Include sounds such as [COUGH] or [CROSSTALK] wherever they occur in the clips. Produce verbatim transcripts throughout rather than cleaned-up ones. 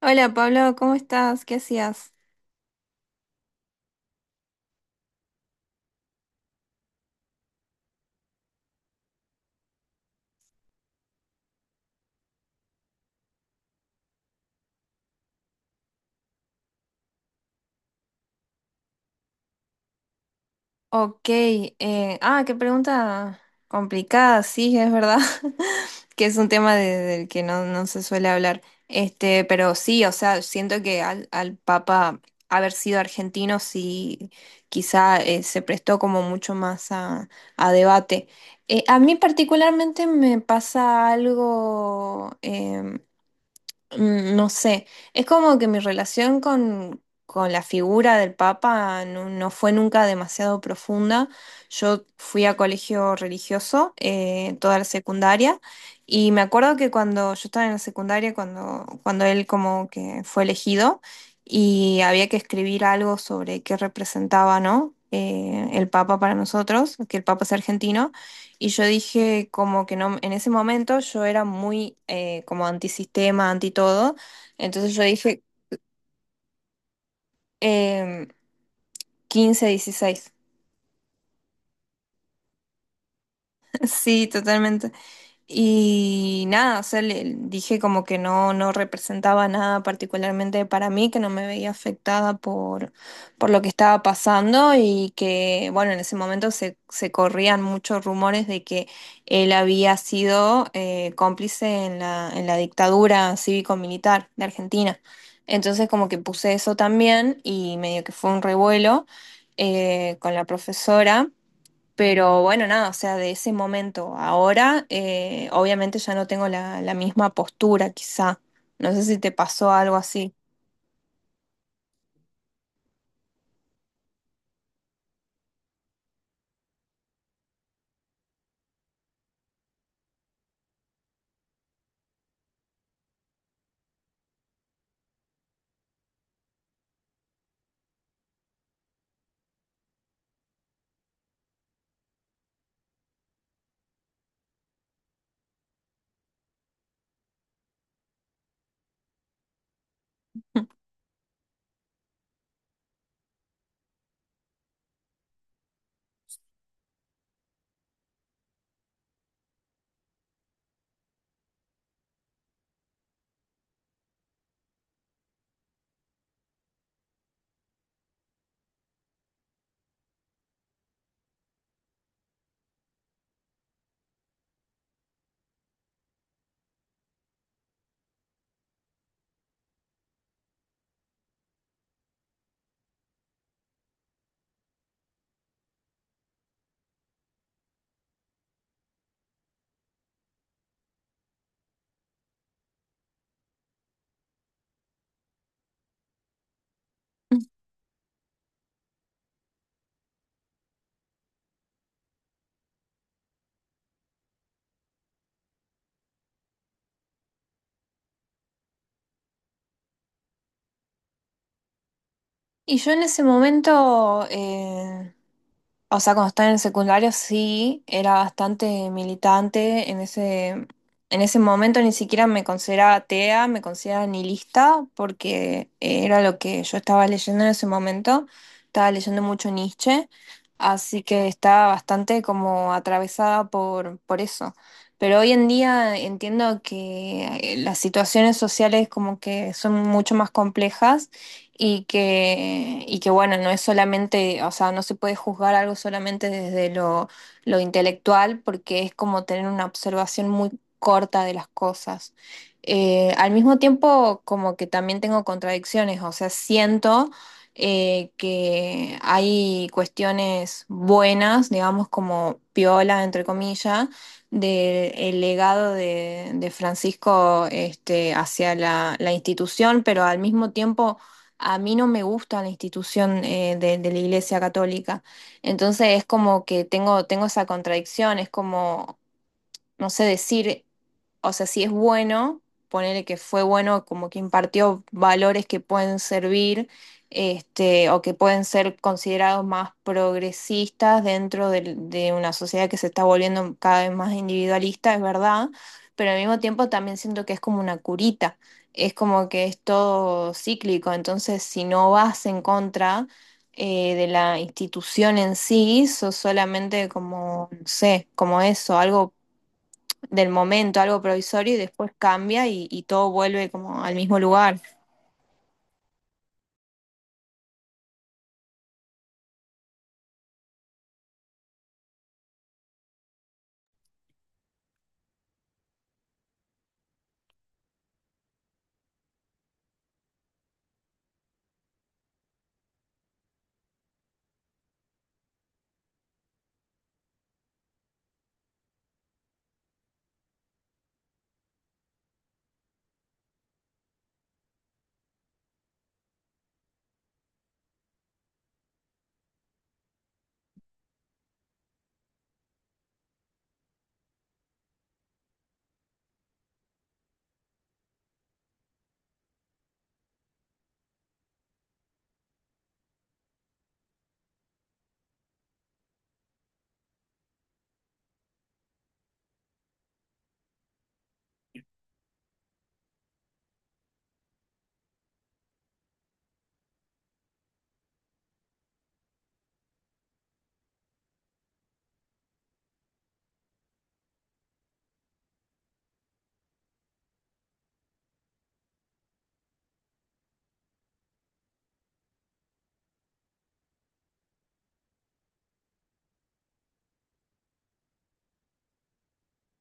Hola Pablo, ¿cómo estás? ¿Qué hacías? Ok, eh, ah, qué pregunta complicada. Sí, es verdad, [LAUGHS] que es un tema de- del que no, no se suele hablar, este, pero sí, o sea, siento que al, al Papa haber sido argentino, sí, quizá eh, se prestó como mucho más a, a debate. Eh, a mí particularmente me pasa algo, em, Mm, no sé, es como que mi relación con, con la figura del Papa no, no fue nunca demasiado profunda. Yo fui a colegio religioso, eh, toda la secundaria, y me acuerdo que cuando yo estaba en la secundaria, cuando, cuando él como que fue elegido y había que escribir algo sobre qué representaba, ¿no? Eh, el Papa para nosotros, que el Papa es argentino. Y yo dije como que no, en ese momento yo era muy, eh, como antisistema, anti todo. Entonces yo dije, em, quince, dieciséis. [LAUGHS] Sí, totalmente. Y nada, o sea, le dije como que no, no representaba nada particularmente para mí, que no me veía afectada por, por lo que estaba pasando y que, bueno, en ese momento se, se corrían muchos rumores de que él había sido, eh, cómplice en la, en la dictadura cívico-militar de Argentina. Entonces como que puse eso también y medio que fue un revuelo eh, con la profesora. Pero bueno, nada, o sea, de ese momento a ahora, eh, obviamente ya no tengo la, la misma postura, quizá. No sé si te pasó algo así. [LAUGHS] Y yo en ese momento, eh, o sea, cuando estaba en el secundario, sí, era bastante militante. En ese, en ese momento ni siquiera me consideraba atea, me consideraba nihilista, porque era lo que yo estaba leyendo en ese momento. Estaba leyendo mucho Nietzsche, así que estaba bastante como atravesada por, por eso. Pero hoy en día entiendo que, eh, las situaciones sociales como que son mucho más complejas y que, y que bueno, no es solamente, o sea, no se puede juzgar algo solamente desde lo, lo intelectual, porque es como tener una observación muy corta de las cosas. Eh, al mismo tiempo, como que también tengo contradicciones, o sea, siento, eh, que hay cuestiones buenas, digamos, como piola, entre comillas, del legado de, de Francisco, este, hacia la, la institución, pero al mismo tiempo a mí no me gusta la institución, eh, de, de la Iglesia Católica. Entonces es como que tengo, tengo esa contradicción, es como, no sé decir, o sea, si es bueno, ponerle que fue bueno, como que impartió valores que pueden servir, este, o que pueden ser considerados más progresistas dentro del- de, una sociedad que se está volviendo cada vez más individualista, es verdad, pero al mismo tiempo también siento que es como una curita, es como que es todo cíclico, entonces si no vas en contra, eh, de la institución en sí, sos solamente como, no sé, como eso, algo del momento, algo provisorio, y después cambia y, y todo vuelve como al mismo lugar.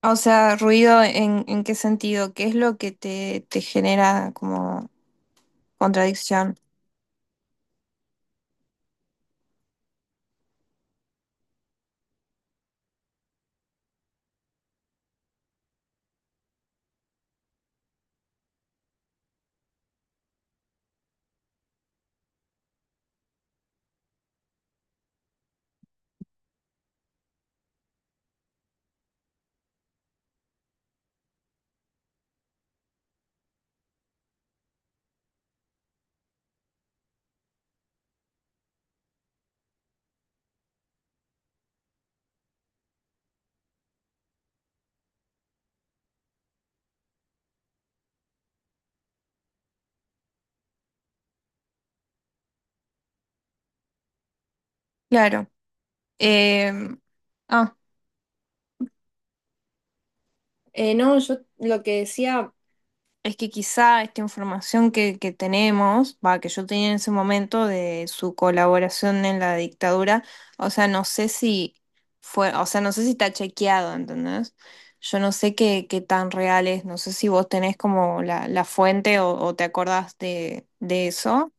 O sea, ruido en, ¿en qué sentido? ¿Qué es lo que te, te genera como contradicción? Claro. Eh, ah, Eh, no, yo lo que decía es que quizá esta información que, que tenemos, va, que yo tenía en ese momento de su colaboración en la dictadura, o sea, no sé si fue, o sea, no sé si está chequeado, ¿entendés? Yo no sé qué, qué tan real es, no sé si vos tenés como la, la fuente o, o te acordás de, de eso.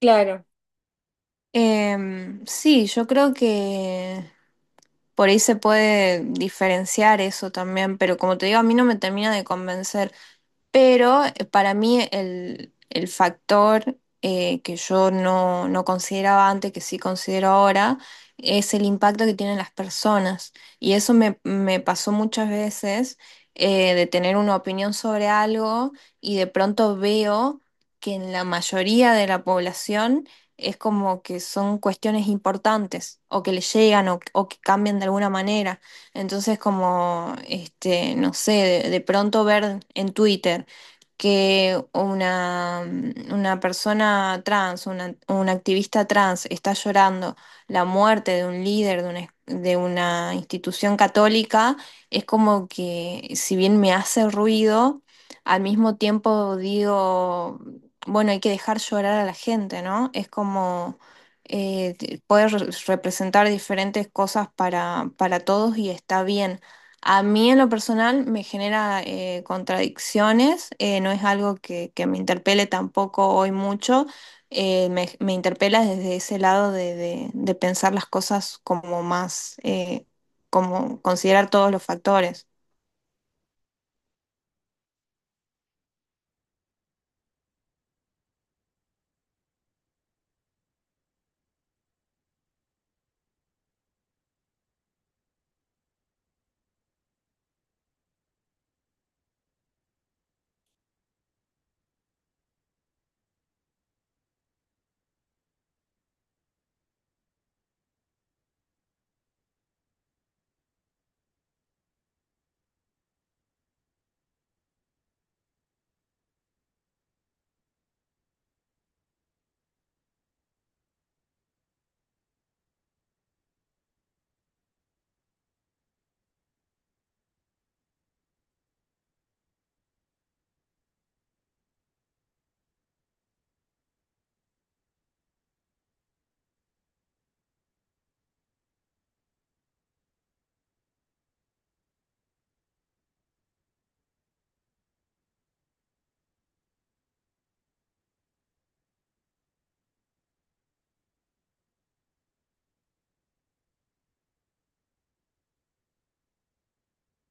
Claro. Em, sí, yo creo que por ahí se puede diferenciar eso también, pero como te digo, a mí no me termina de convencer. Pero eh, para mí el, el factor, eh, que yo no, no consideraba antes, que sí considero ahora, es el impacto que tienen las personas. Y eso me, me pasó muchas veces, eh, de tener una opinión sobre algo y de pronto veo que en la mayoría de la población es como que son cuestiones importantes o que le llegan o, o que cambian de alguna manera. Entonces, como, este, no sé, de, de pronto ver en Twitter que una, mm, una persona trans, una, un activista trans está llorando la muerte de un líder de una, de una institución católica, es como que si bien me hace ruido, al mismo tiempo digo bueno, hay que dejar llorar a la gente, ¿no? Es como, eh, te- poder re- representar diferentes cosas para, para todos, y está bien. A mí en lo personal me genera, eh, contradicciones, eh, no es algo que, que me interpele tampoco hoy mucho, eh, me, me interpela desde ese lado de, de- de pensar las cosas como más, eh, como considerar todos los factores.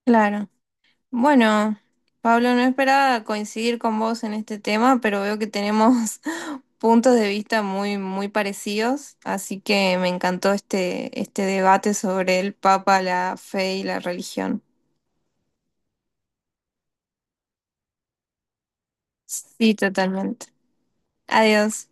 Claro. Bueno, Pablo, no esperaba coincidir con vos en este tema, pero veo que tenemos [LAUGHS] puntos de vista muy, muy parecidos, así que me encantó este, este debate sobre el Papa, la fe y la religión. Sí, totalmente. Adiós.